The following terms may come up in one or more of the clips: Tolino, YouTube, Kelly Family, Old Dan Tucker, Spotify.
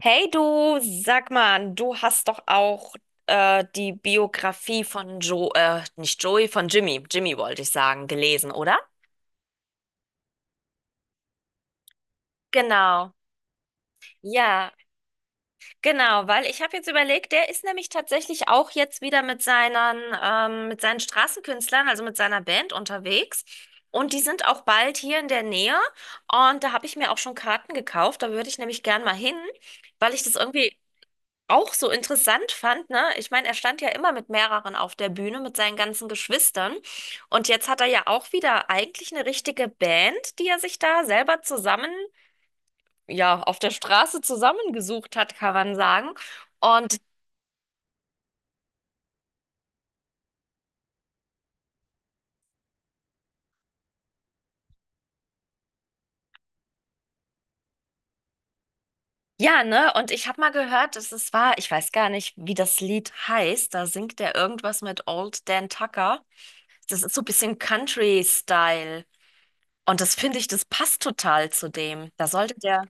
Hey du, sag mal, du hast doch auch die Biografie von Joe, nicht Joey, von Jimmy, Jimmy wollte ich sagen, gelesen, oder? Genau. Ja, genau, weil ich habe jetzt überlegt, der ist nämlich tatsächlich auch jetzt wieder mit seinen Straßenkünstlern, also mit seiner Band unterwegs. Und die sind auch bald hier in der Nähe. Und da habe ich mir auch schon Karten gekauft. Da würde ich nämlich gern mal hin, weil ich das irgendwie auch so interessant fand, ne? Ich meine, er stand ja immer mit mehreren auf der Bühne, mit seinen ganzen Geschwistern. Und jetzt hat er ja auch wieder eigentlich eine richtige Band, die er sich da selber zusammen, ja, auf der Straße zusammengesucht hat, kann man sagen. Und ja, ne? Und ich habe mal gehört, dass es war, ich weiß gar nicht, wie das Lied heißt. Da singt er irgendwas mit Old Dan Tucker. Das ist so ein bisschen Country-Style. Und das finde ich, das passt total zu dem. Da sollte der.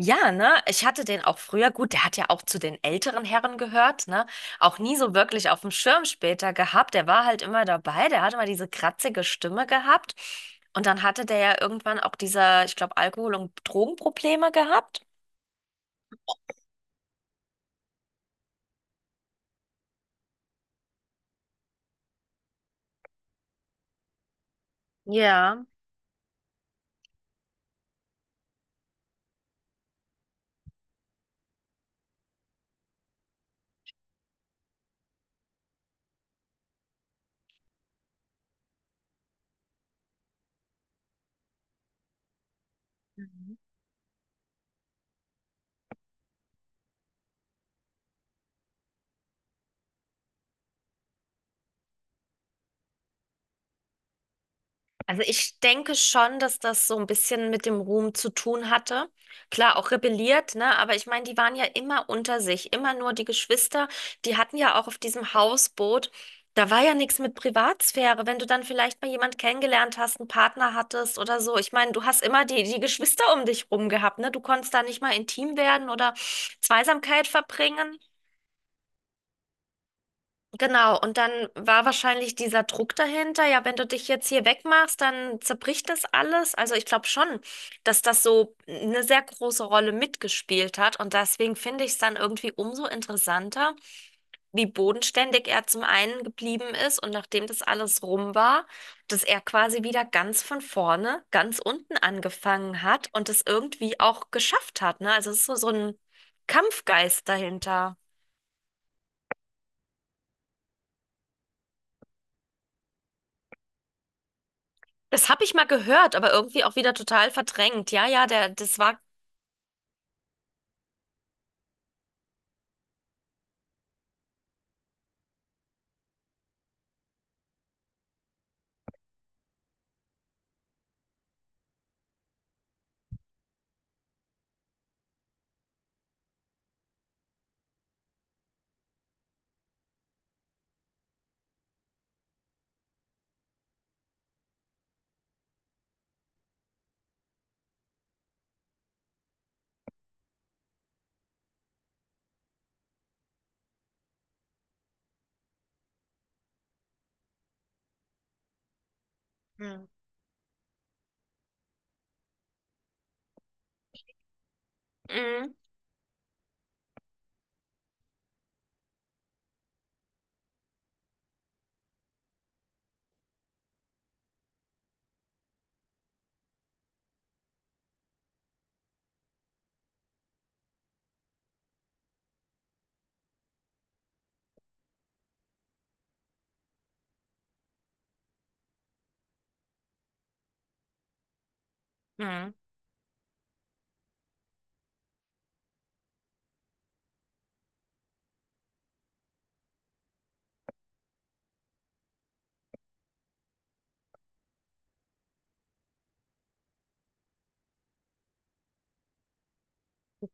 Ja, ne? Ich hatte den auch früher, gut, der hat ja auch zu den älteren Herren gehört, ne? Auch nie so wirklich auf dem Schirm später gehabt. Der war halt immer dabei, der hatte immer diese kratzige Stimme gehabt. Und dann hatte der ja irgendwann auch diese, ich glaube, Alkohol- und Drogenprobleme gehabt. Ja. Also ich denke schon, dass das so ein bisschen mit dem Ruhm zu tun hatte. Klar, auch rebelliert, ne? Aber ich meine, die waren ja immer unter sich, immer nur die Geschwister. Die hatten ja auch auf diesem Hausboot, da war ja nichts mit Privatsphäre. Wenn du dann vielleicht mal jemand kennengelernt hast, einen Partner hattest oder so. Ich meine, du hast immer die Geschwister um dich rum gehabt, ne? Du konntest da nicht mal intim werden oder Zweisamkeit verbringen. Genau, und dann war wahrscheinlich dieser Druck dahinter, ja, wenn du dich jetzt hier wegmachst, dann zerbricht das alles. Also ich glaube schon, dass das so eine sehr große Rolle mitgespielt hat. Und deswegen finde ich es dann irgendwie umso interessanter, wie bodenständig er zum einen geblieben ist und nachdem das alles rum war, dass er quasi wieder ganz von vorne, ganz unten angefangen hat und es irgendwie auch geschafft hat, ne? Also es ist so, so ein Kampfgeist dahinter. Das habe ich mal gehört, aber irgendwie auch wieder total verdrängt. Ja, ja, der, das war. Hm. Mhm. Mhm.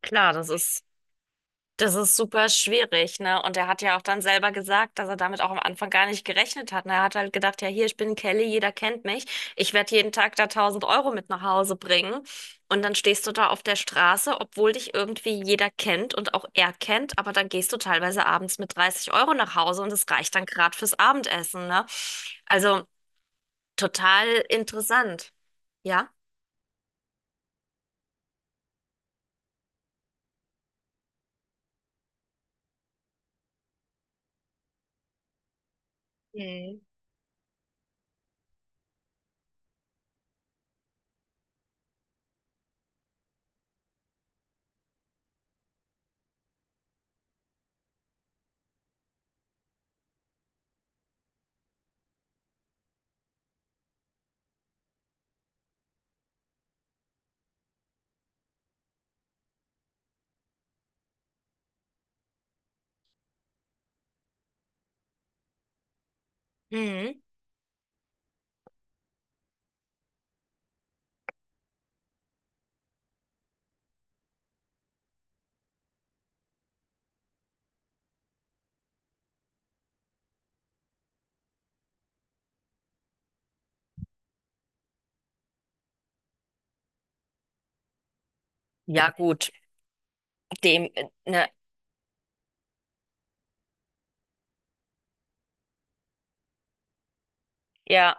Klar, das ist super schwierig, ne? Und er hat ja auch dann selber gesagt, dass er damit auch am Anfang gar nicht gerechnet hat. Und er hat halt gedacht, ja, hier, ich bin Kelly, jeder kennt mich. Ich werde jeden Tag da 1.000 Euro mit nach Hause bringen. Und dann stehst du da auf der Straße, obwohl dich irgendwie jeder kennt und auch er kennt, aber dann gehst du teilweise abends mit 30 Euro nach Hause und das reicht dann gerade fürs Abendessen, ne? Also total interessant. Ja. Mhm. Mhm. Ja, gut. Dem, ne, ja.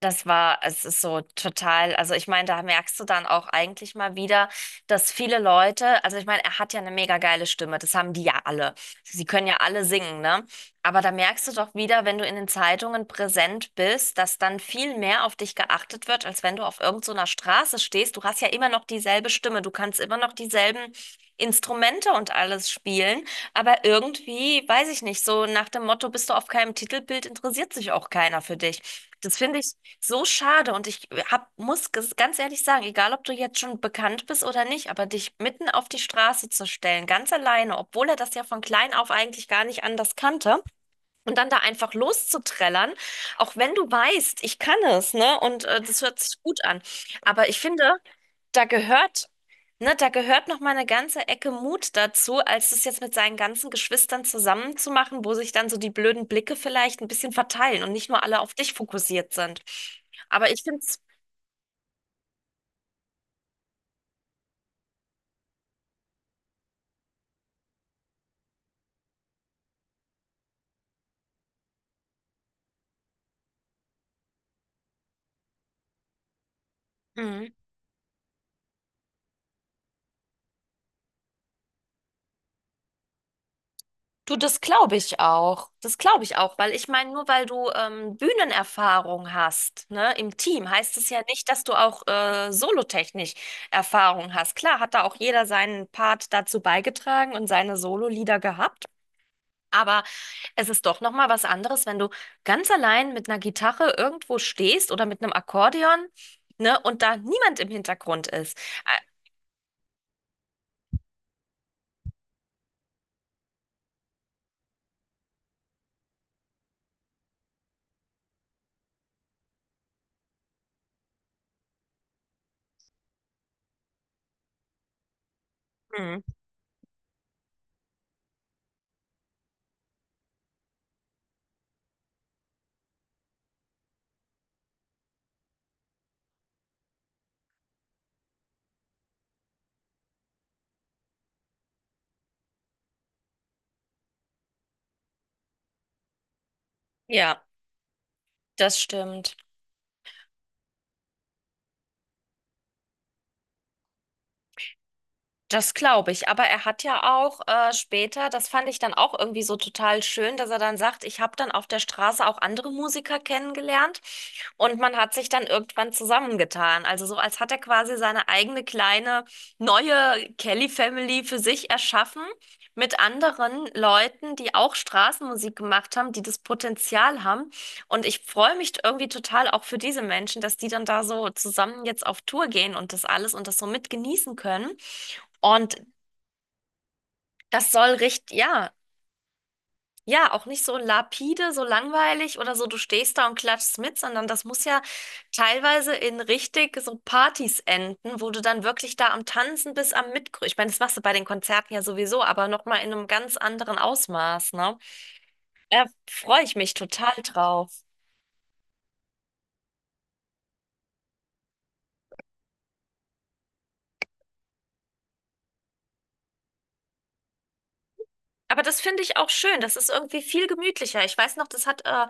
Das war, es ist so total, also ich meine, da merkst du dann auch eigentlich mal wieder, dass viele Leute, also ich meine, er hat ja eine mega geile Stimme, das haben die ja alle. Sie können ja alle singen, ne? Aber da merkst du doch wieder, wenn du in den Zeitungen präsent bist, dass dann viel mehr auf dich geachtet wird, als wenn du auf irgend so einer Straße stehst. Du hast ja immer noch dieselbe Stimme, du kannst immer noch dieselben Instrumente und alles spielen, aber irgendwie, weiß ich nicht, so nach dem Motto, bist du auf keinem Titelbild, interessiert sich auch keiner für dich. Das finde ich. So schade, und ich hab, ganz ehrlich sagen, egal ob du jetzt schon bekannt bist oder nicht, aber dich mitten auf die Straße zu stellen, ganz alleine, obwohl er das ja von klein auf eigentlich gar nicht anders kannte und dann da einfach loszuträllern, auch wenn du weißt, ich kann es, ne? Und das hört sich gut an. Aber ich finde, da gehört, ne, da gehört noch mal eine ganze Ecke Mut dazu, als das jetzt mit seinen ganzen Geschwistern zusammenzumachen, wo sich dann so die blöden Blicke vielleicht ein bisschen verteilen und nicht nur alle auf dich fokussiert sind. Aber ich finde es, du, das glaube ich auch. Das glaube ich auch, weil ich meine, nur weil du Bühnenerfahrung hast, ne, im Team, heißt es ja nicht, dass du auch solotechnisch Erfahrung hast. Klar, hat da auch jeder seinen Part dazu beigetragen und seine Sololieder gehabt. Aber es ist doch noch mal was anderes, wenn du ganz allein mit einer Gitarre irgendwo stehst oder mit einem Akkordeon, ne, und da niemand im Hintergrund ist. Mhm. Ja, das stimmt. Das glaube ich, aber er hat ja auch später, das fand ich dann auch irgendwie so total schön, dass er dann sagt, ich habe dann auf der Straße auch andere Musiker kennengelernt und man hat sich dann irgendwann zusammengetan. Also so, als hat er quasi seine eigene kleine neue Kelly Family für sich erschaffen mit anderen Leuten, die auch Straßenmusik gemacht haben, die das Potenzial haben. Und ich freue mich irgendwie total auch für diese Menschen, dass die dann da so zusammen jetzt auf Tour gehen und das alles und das so mit genießen können. Und das soll richtig, ja, ja, auch nicht so lapide, so langweilig oder so, du stehst da und klatschst mit, sondern das muss ja teilweise in richtig so Partys enden, wo du dann wirklich da am Tanzen bist, am Mitgrüßen. Ich meine, das machst du bei den Konzerten ja sowieso, aber nochmal in einem ganz anderen Ausmaß, ne? Da freue ich mich total drauf. Aber das finde ich auch schön. Das ist irgendwie viel gemütlicher. Ich weiß noch, das hat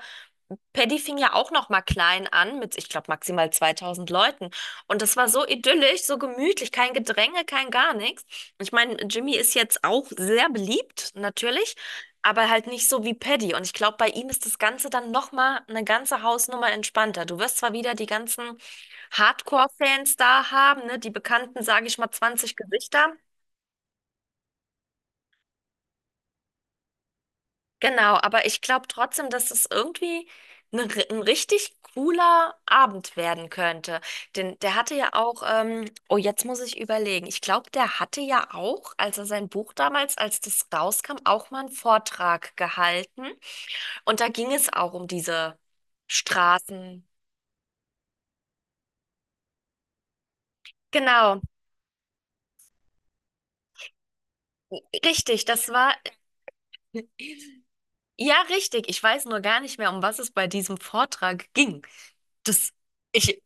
Paddy fing ja auch noch mal klein an mit, ich glaube, maximal 2.000 Leuten. Und das war so idyllisch, so gemütlich, kein Gedränge, kein gar nichts. Ich meine, Jimmy ist jetzt auch sehr beliebt, natürlich, aber halt nicht so wie Paddy. Und ich glaube, bei ihm ist das Ganze dann noch mal eine ganze Hausnummer entspannter. Du wirst zwar wieder die ganzen Hardcore-Fans da haben, ne, die bekannten, sage ich mal, 20 Gesichter. Genau, aber ich glaube trotzdem, dass es irgendwie ein richtig cooler Abend werden könnte. Denn der hatte ja auch, oh, jetzt muss ich überlegen. Ich glaube, der hatte ja auch, als er sein Buch damals, als das rauskam, auch mal einen Vortrag gehalten. Und da ging es auch um diese Straßen. Genau, richtig. Das war, ja, richtig. Ich weiß nur gar nicht mehr, um was es bei diesem Vortrag ging. Das, ich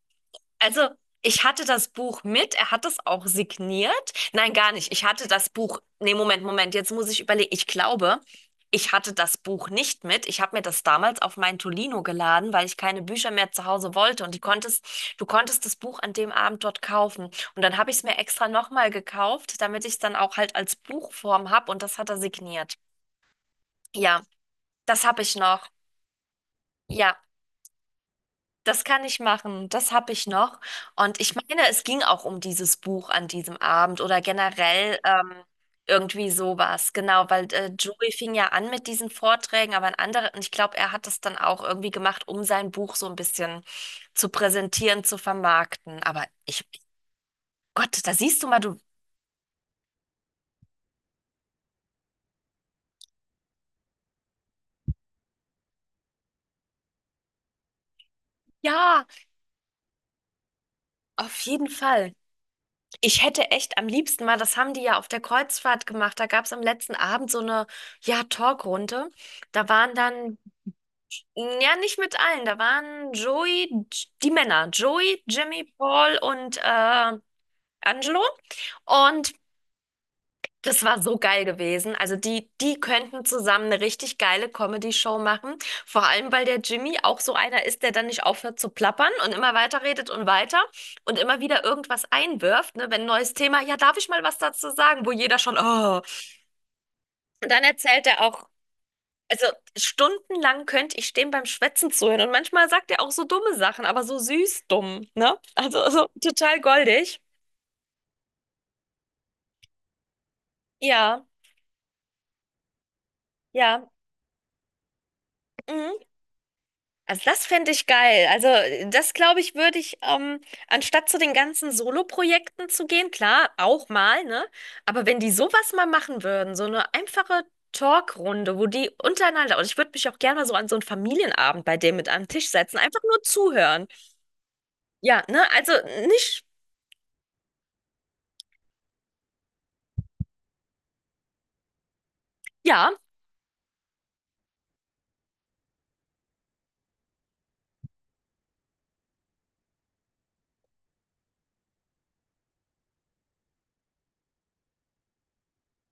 Also, ich hatte das Buch mit, er hat es auch signiert. Nein, gar nicht. Ich hatte das Buch. Nee, Moment, Moment, jetzt muss ich überlegen. Ich glaube, ich hatte das Buch nicht mit. Ich habe mir das damals auf mein Tolino geladen, weil ich keine Bücher mehr zu Hause wollte. Und du konntest das Buch an dem Abend dort kaufen. Und dann habe ich es mir extra nochmal gekauft, damit ich es dann auch halt als Buchform habe. Und das hat er signiert. Ja, das habe ich noch. Ja. Das kann ich machen, das habe ich noch. Und ich meine, es ging auch um dieses Buch an diesem Abend oder generell irgendwie sowas. Genau, weil Joey fing ja an mit diesen Vorträgen, aber ein anderer, und ich glaube, er hat das dann auch irgendwie gemacht, um sein Buch so ein bisschen zu präsentieren, zu vermarkten. Aber ich, Gott, da siehst du mal, du, ja, auf jeden Fall. Ich hätte echt am liebsten mal, das haben die ja auf der Kreuzfahrt gemacht, da gab es am letzten Abend so eine, ja, Talkrunde. Da waren dann Ja, nicht mit allen. Da waren Joey, die Männer, Joey, Jimmy, Paul und Angelo. Und das war so geil gewesen. Also die könnten zusammen eine richtig geile Comedy-Show machen. Vor allem, weil der Jimmy auch so einer ist, der dann nicht aufhört zu plappern und immer weiter redet und weiter und immer wieder irgendwas einwirft. Ne? Wenn ein neues Thema, ja, darf ich mal was dazu sagen, wo jeder schon, oh. Und dann erzählt er auch. Also stundenlang könnte ich stehen beim Schwätzen zuhören. Und manchmal sagt er auch so dumme Sachen, aber so süß dumm, ne? Also total goldig. Ja, ja. Mhm. Also das fände ich geil. Also das glaube ich, würde ich, anstatt zu den ganzen Solo-Projekten zu gehen, klar, auch mal, ne? Aber wenn die sowas mal machen würden, so eine einfache Talkrunde, wo die untereinander, und ich würde mich auch gerne mal so an so einen Familienabend bei dem mit an den Tisch setzen, einfach nur zuhören. Ja, ne? Also nicht. Ja,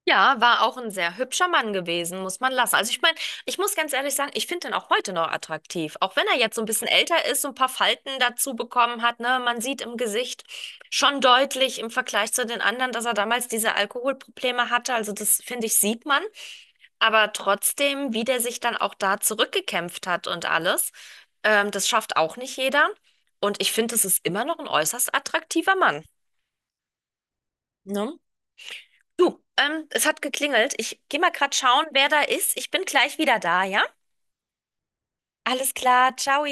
ja, war auch ein sehr hübscher Mann gewesen, muss man lassen. Also ich meine, ich muss ganz ehrlich sagen, ich finde ihn auch heute noch attraktiv. Auch wenn er jetzt so ein bisschen älter ist, so ein paar Falten dazu bekommen hat, ne, man sieht im Gesicht schon deutlich im Vergleich zu den anderen, dass er damals diese Alkoholprobleme hatte. Also das finde ich, sieht man. Aber trotzdem, wie der sich dann auch da zurückgekämpft hat und alles, das schafft auch nicht jeder. Und ich finde, es ist immer noch ein äußerst attraktiver Mann. Ne? Du, es hat geklingelt. Ich gehe mal grad schauen, wer da ist. Ich bin gleich wieder da, ja? Alles klar, ciao.